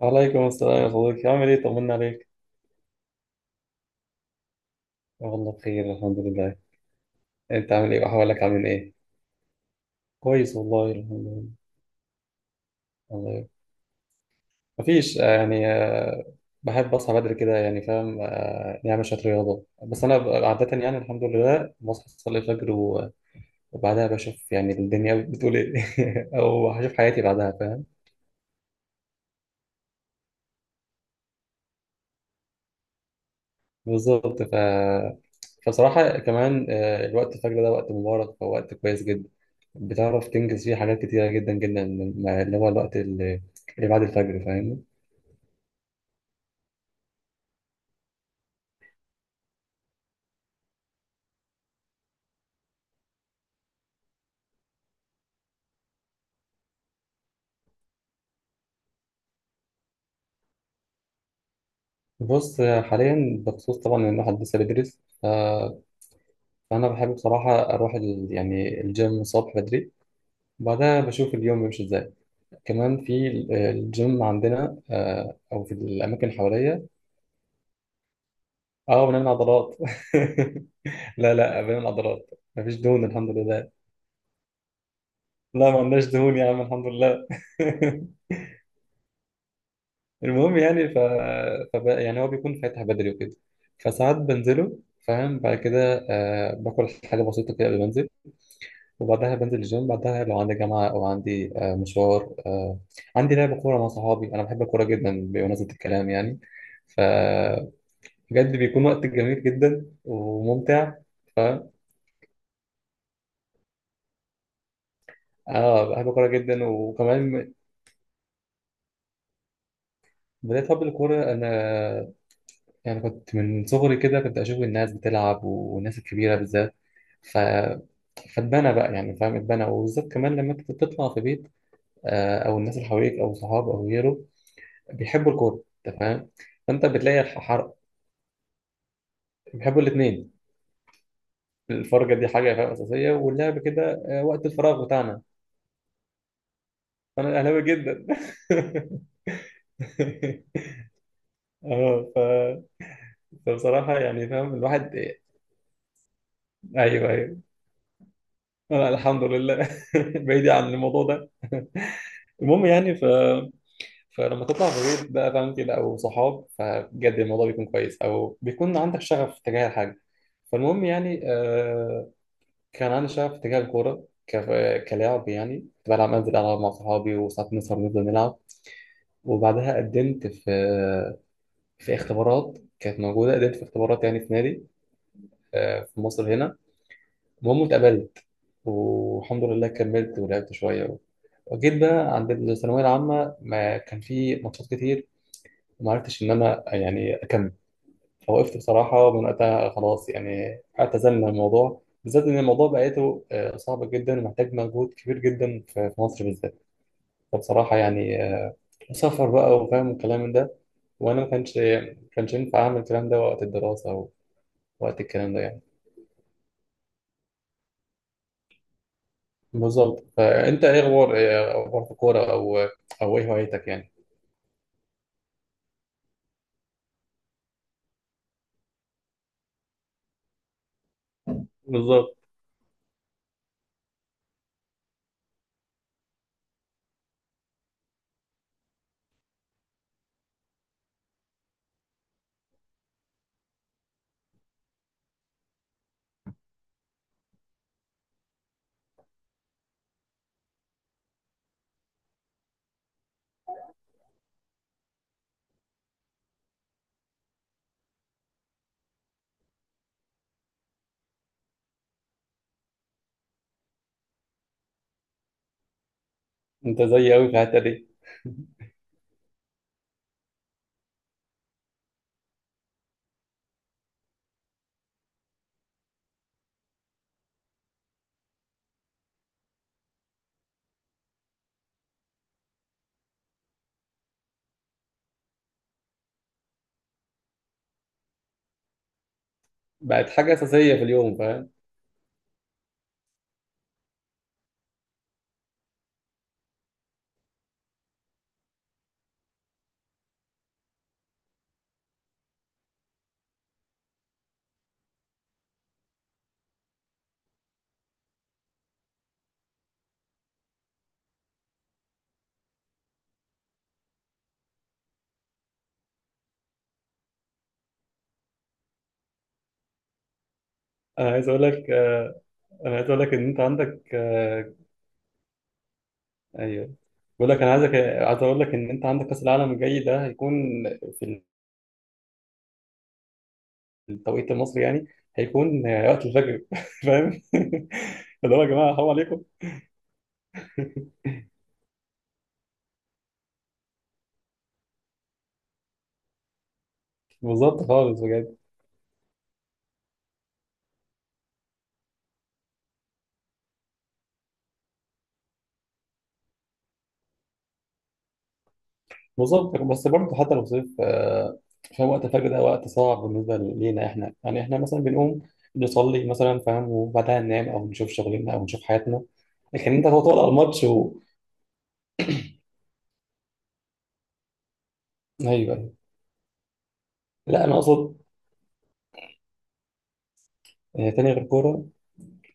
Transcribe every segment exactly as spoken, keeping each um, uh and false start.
وعليكم السلام يا صديقي، عامل ايه؟ طمنا عليك. والله بخير، الحمد لله. انت عامل ايه؟ واحوالك عامل ايه؟ كويس والله، الحمد لله. الله يبارك. مفيش آه، يعني آه، بحب اصحى بدري كده يعني فاهم، آه، نعمل شويه رياضه. بس انا ب- عاده يعني الحمد لله بصحى اصلي الفجر و- وبعدها بشوف يعني الدنيا بتقول ايه. او هشوف حياتي بعدها. بالظبط ف... فصراحة كمان، آه، الوقت الفجر ده وقت مبارك ووقت كويس جدا. بتعرف تنجز فيه حاجات كتيرة جدا جدا، مع اللي هو الوقت اللي اللي بعد الفجر، فاهمني؟ بص، آه، حاليا بخصوص طبعا إن الواحد لسه بيدرس. ف- فأنا بحب بصراحة أروح ال... يعني الجيم الصبح بدري، وبعدها بشوف اليوم بيمشي إزاي. كمان في ال- الجيم عندنا، آه، أو في الأماكن حواليا. أه، بنعمل عضلات. لا لا، بنعمل عضلات. مفيش دهون الحمد لله. لا ما عندناش دهون يا عم، الحمد لله. المهم يعني ف... فب... يعني هو بيكون فاتح بدري وكده، فساعات بنزله. فاهم؟ بعد كده آه باكل حاجة بسيطة كده قبل ما انزل، وبعدها بنزل الجيم. بعدها لو عندي جامعة أو عندي آه مشوار، آه عندي لعب كورة مع صحابي. أنا بحب الكورة جدا بمناسبة الكلام يعني. فبجد بيكون وقت جميل جدا وممتع. فاهم؟ اه، بحب الكورة جدا وكمان. بدأت أحب الكورة أنا، يعني كنت من صغري كده كنت أشوف الناس بتلعب والناس الكبيرة بالذات. ف... فاتبنى بقى يعني، فاهم، اتبنى. وبالذات كمان لما أنت بتطلع في بيت، آه، أو الناس اللي حواليك أو صحاب أو غيره، بيحبوا الكورة أنت فاهم. فأنت بتلاقي الح- حر... بيحبوا الاتنين. الفرجة دي حاجة فاهم أساسية، واللعب كده، آه، وقت الفراغ بتاعنا. فأنا أهلاوي جدا. اه ف... فبصراحة يعني فاهم الواحد. أيوه أيوه، أنا الحمد لله، بعيد عن الموضوع ده. المهم يعني ف فلما تطلع بغير بقى، فاهم، كده او صحاب، فبجد الموضوع بيكون كويس، او بيكون عندك شغف تجاه الحاجه. فالمهم يعني، آه كان عندي شغف تجاه الكوره ك- كلاعب. يعني كنت بلعب، انزل العب مع صحابي وساعات نسهر نفضل نلعب. وبعدها قدمت في في اختبارات كانت موجوده. قدمت في اختبارات يعني في نادي، آه في مصر هنا. المهم اتقبلت، والحمد لله كملت ولعبت شويه. وجيت بقى عند الثانويه العامه، ما كان في ماتشات كتير. ما عرفتش ان انا يعني اكمل، فوقفت بصراحه من وقتها. خلاص يعني اعتزلنا الموضوع، بالذات ان الموضوع بقيته آه، صعب جدا ومحتاج مجهود كبير جدا في في مصر بالذات. فبصراحه يعني، آه، سفر بقى وفاهم الكلام من ده، وانا ما كانش ما كانش ينفع اعمل الكلام ده وقت الدراسه ووقت الكلام ده يعني. بالظبط. فانت ايه اخبار إيه اخبار في الكوره، او او ايه هوايتك يعني؟ بالظبط. انت زيي قوي في الحته دي. بقت حاجه اساسيه في اليوم فاهم. انا عايز اقول لك، آه، انا عايز اقول لك ان انت عندك، آه، ايوه، بقول لك انا عايزك، عايز اقول لك ان انت عندك كاس العالم الجاي ده هيكون في التوقيت المصري يعني، هيكون وقت الفجر. فاهم؟ اللي هو يا جماعه حرام عليكم. بالظبط خالص بجد. بالظبط. بس برضه حتى لو صيف، آه، فاهم وقت الفجر ده وقت صعب بالنسبه لينا احنا. يعني احنا مثلا بنقوم نصلي مثلا، فاهم، وبعدها ننام او نشوف شغلنا او نشوف حياتنا. لكن انت تقعد على الماتش و... ايوه. لا انا اقصد، آه، تاني غير كوره.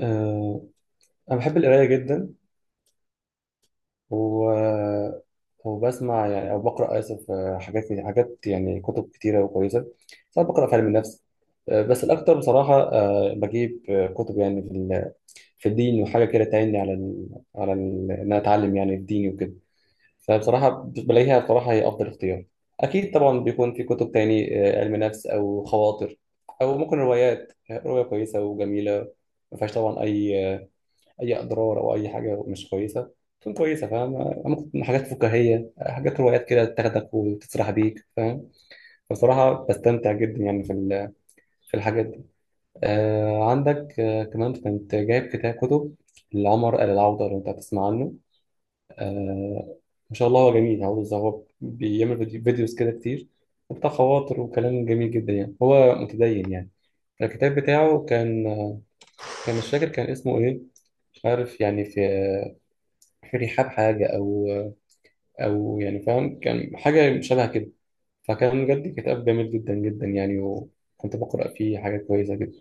آه، انا بحب القرايه جدا. و... وبسمع يعني او بقرا، اسف، آه، حاجات حاجات يعني، كتب كتيره وكويسه. ساعات بقرا في علم النفس، آه، بس الاكتر بصراحه، آه، بجيب آه، كتب يعني في ال- في الدين، وحاجه كده تعيني على ال... على ال... ان انا اتعلم يعني الدين وكده. فبصراحه بلاقيها بصراحه هي افضل اختيار. اكيد طبعا بيكون في كتب تاني، آه، علم نفس او خواطر، او ممكن روايات، آه، روايه كويسه وجميله، ما فيهاش طبعا اي آه، اي اضرار او اي حاجه مش كويسه. تكون كويسه فاهم. ممكن تكون حاجات فكاهيه، حاجات، روايات كده تاخدك وتسرح بيك فاهم. بصراحه بستمتع جدا يعني في ال- في الحاجات دي. آه عندك آه كمان كنت جايب كتاب كتب لعمر آل العوده، لو انت هتسمع عنه. آه ما شاء الله هو جميل، عاوز، هو بيعمل فيديو- فيديوز كده كتير وبتاع، خواطر وكلام جميل جدا يعني، هو متدين يعني. الكتاب بتاعه كان آه، كان مش فاكر كان اسمه ايه. مش عارف يعني في ريحان حاجة، أو أو يعني فاهم كان حاجة شبه كده. فكان بجد كتاب جميل جدا جدا يعني، وكنت بقرأ فيه حاجات كويسة جدا.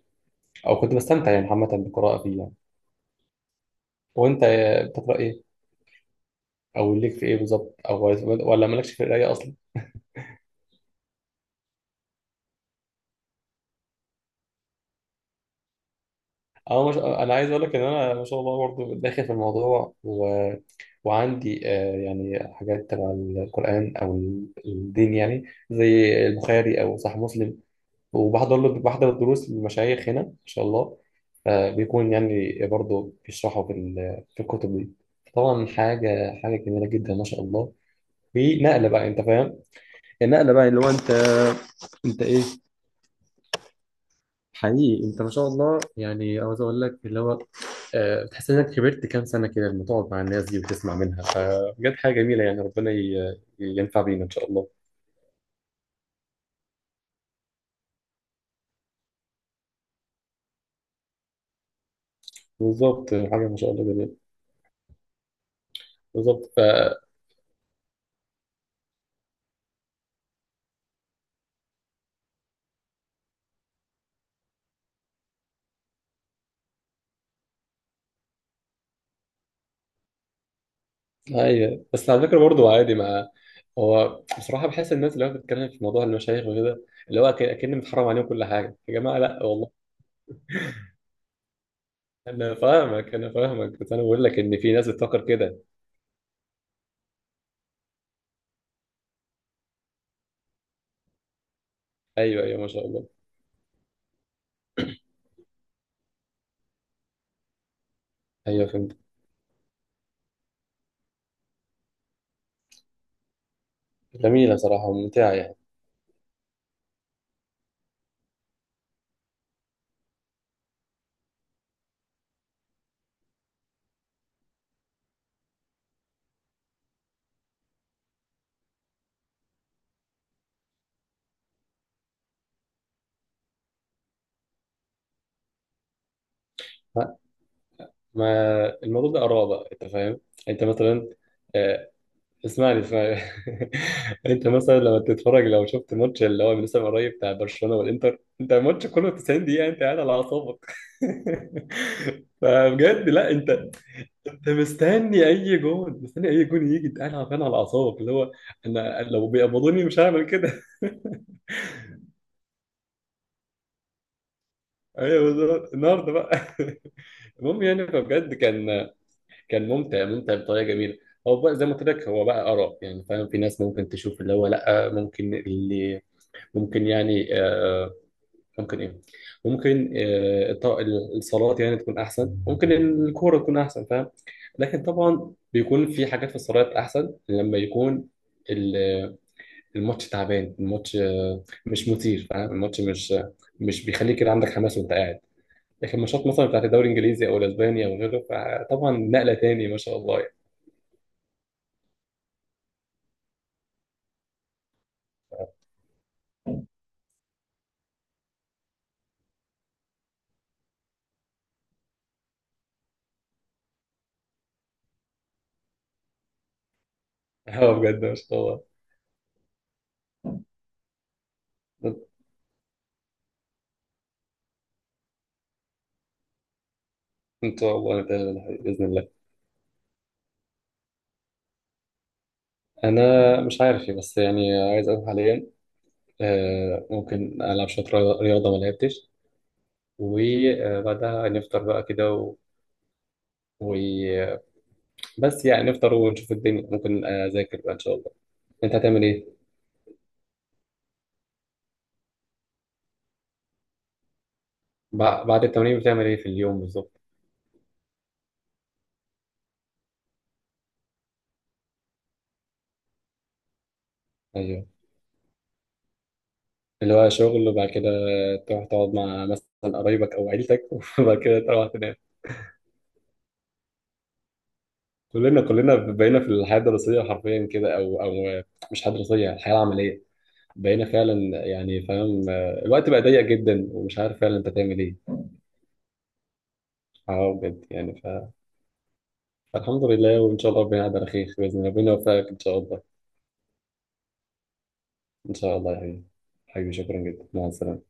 أو كنت بستمتع يعني عامة بالقراءة فيه يعني. وأنت بتقرأ إيه؟ أو ليك في إيه بالظبط؟ أو عايز- ولا مالكش في القراية أصلا؟ أنا مش... أنا عايز أقول لك إن أنا ما شاء الله برضه داخل في الموضوع، و... وعندي، آه، يعني حاجات تبع القرآن أو الدين يعني، زي البخاري أو صحيح مسلم. وبحضر له بحضر دروس للمشايخ هنا ان شاء الله، آه، بيكون يعني برضه بيشرحوا في ال- في الكتب دي. طبعا حاجه حاجه جميله جدا ما شاء الله. في نقله بقى انت فاهم. النقله بقى اللي هو انت انت ايه، حقيقي انت ما شاء الله يعني. عاوز اقول لك اللي هو، آه، بتحس انك كبرت كام سنه كده لما تقعد مع الناس دي وتسمع منها. فبجد حاجه جميله يعني، ربنا ي- ينفع بينا ان شاء الله. بالظبط، حاجه ما شاء الله جميله. بالظبط. ايوه، بس على فكره برضه عادي. مع هو بصراحه بحس الناس اللي هو بتتكلم في موضوع المشايخ وكده، اللي هو كأن كأن متحرم عليهم كل حاجه. يا جماعه لا والله. انا فاهمك انا فاهمك، بس انا بقول لك ان في ناس بتفكر كده. ايوه ايوه ما شاء الله. ايوه فهمت. جميله صراحه وممتعه يعني. ما ما الموضوع ده اراء بقى انت فاهم. انت مثلا، آه، اسمعني اسمعني. انت مثلا لما تتفرج، لو شفت ماتش اللي هو لسه قريب بتاع برشلونه والانتر، انت الماتش كله تسعين دقيقه انت قاعد على اعصابك. فبجد لا انت، انت مستني اي جون، مستني اي جون يجي، انت قاعد عارفان على اعصابك اللي هو، انا لو بيقبضوني مش هعمل كده. ايوه بالظبط النهارده بقى. المهم يعني فبجد كان كان ممتع ممتع بطريقه جميله. هو بقى زي ما قلت لك هو بقى اراء يعني، فاهم، في ناس ممكن تشوف اللي هو لا، ممكن، اللي ممكن يعني، آه، ممكن ايه، ممكن آه، الط- الصلوات يعني تكون احسن، ممكن الكوره تكون احسن فاهم. لكن طبعا بيكون في حاجات في الصلوات احسن لما يكون ال- الماتش تعبان، الماتش آه، مش مثير، فاهم، الماتش مش مش بيخليك كده عندك حماس وانت قاعد. لكن الماتشات مثلا بتاعت الدوري الانجليزي او الاسباني او غيره فطبعا نقله تاني ما شاء الله يعني. اه بجد ما شاء الله. ان شاء الله نتقابل باذن الله. انا مش عارف إيه، بس يعني عايز اروح حاليا. آه، ممكن ألعب شوية رياضة، رياضة ما لعبتش. وبعدها نفطر بقى كده و... و... بس يعني نفطر ونشوف الدنيا. ممكن أذاكر بقى إن شاء الله. أنت هتعمل إيه؟ بع- بعد التمرين بتعمل إيه في اليوم بالظبط؟ أيوه، اللي هو شغل، وبعد كده تروح تقعد مع مثلا قرايبك أو عيلتك، وبعد كده تروح تنام. كلنا كلنا بقينا في الحياة الدراسية حرفيا كده، أو أو مش حياة دراسية، الحياة العملية. بقينا فعلا يعني فاهم، آه، الوقت بقى ضيق جدا ومش عارف فعلا أنت تعمل إيه. اه بجد يعني. الحمد لله وإن شاء الله ربنا يعد على خير بإذن الله، ربنا يوفقك إن شاء الله. إن شاء الله يا حبيبي. حبيبي شكرا جدا، مع السلامة.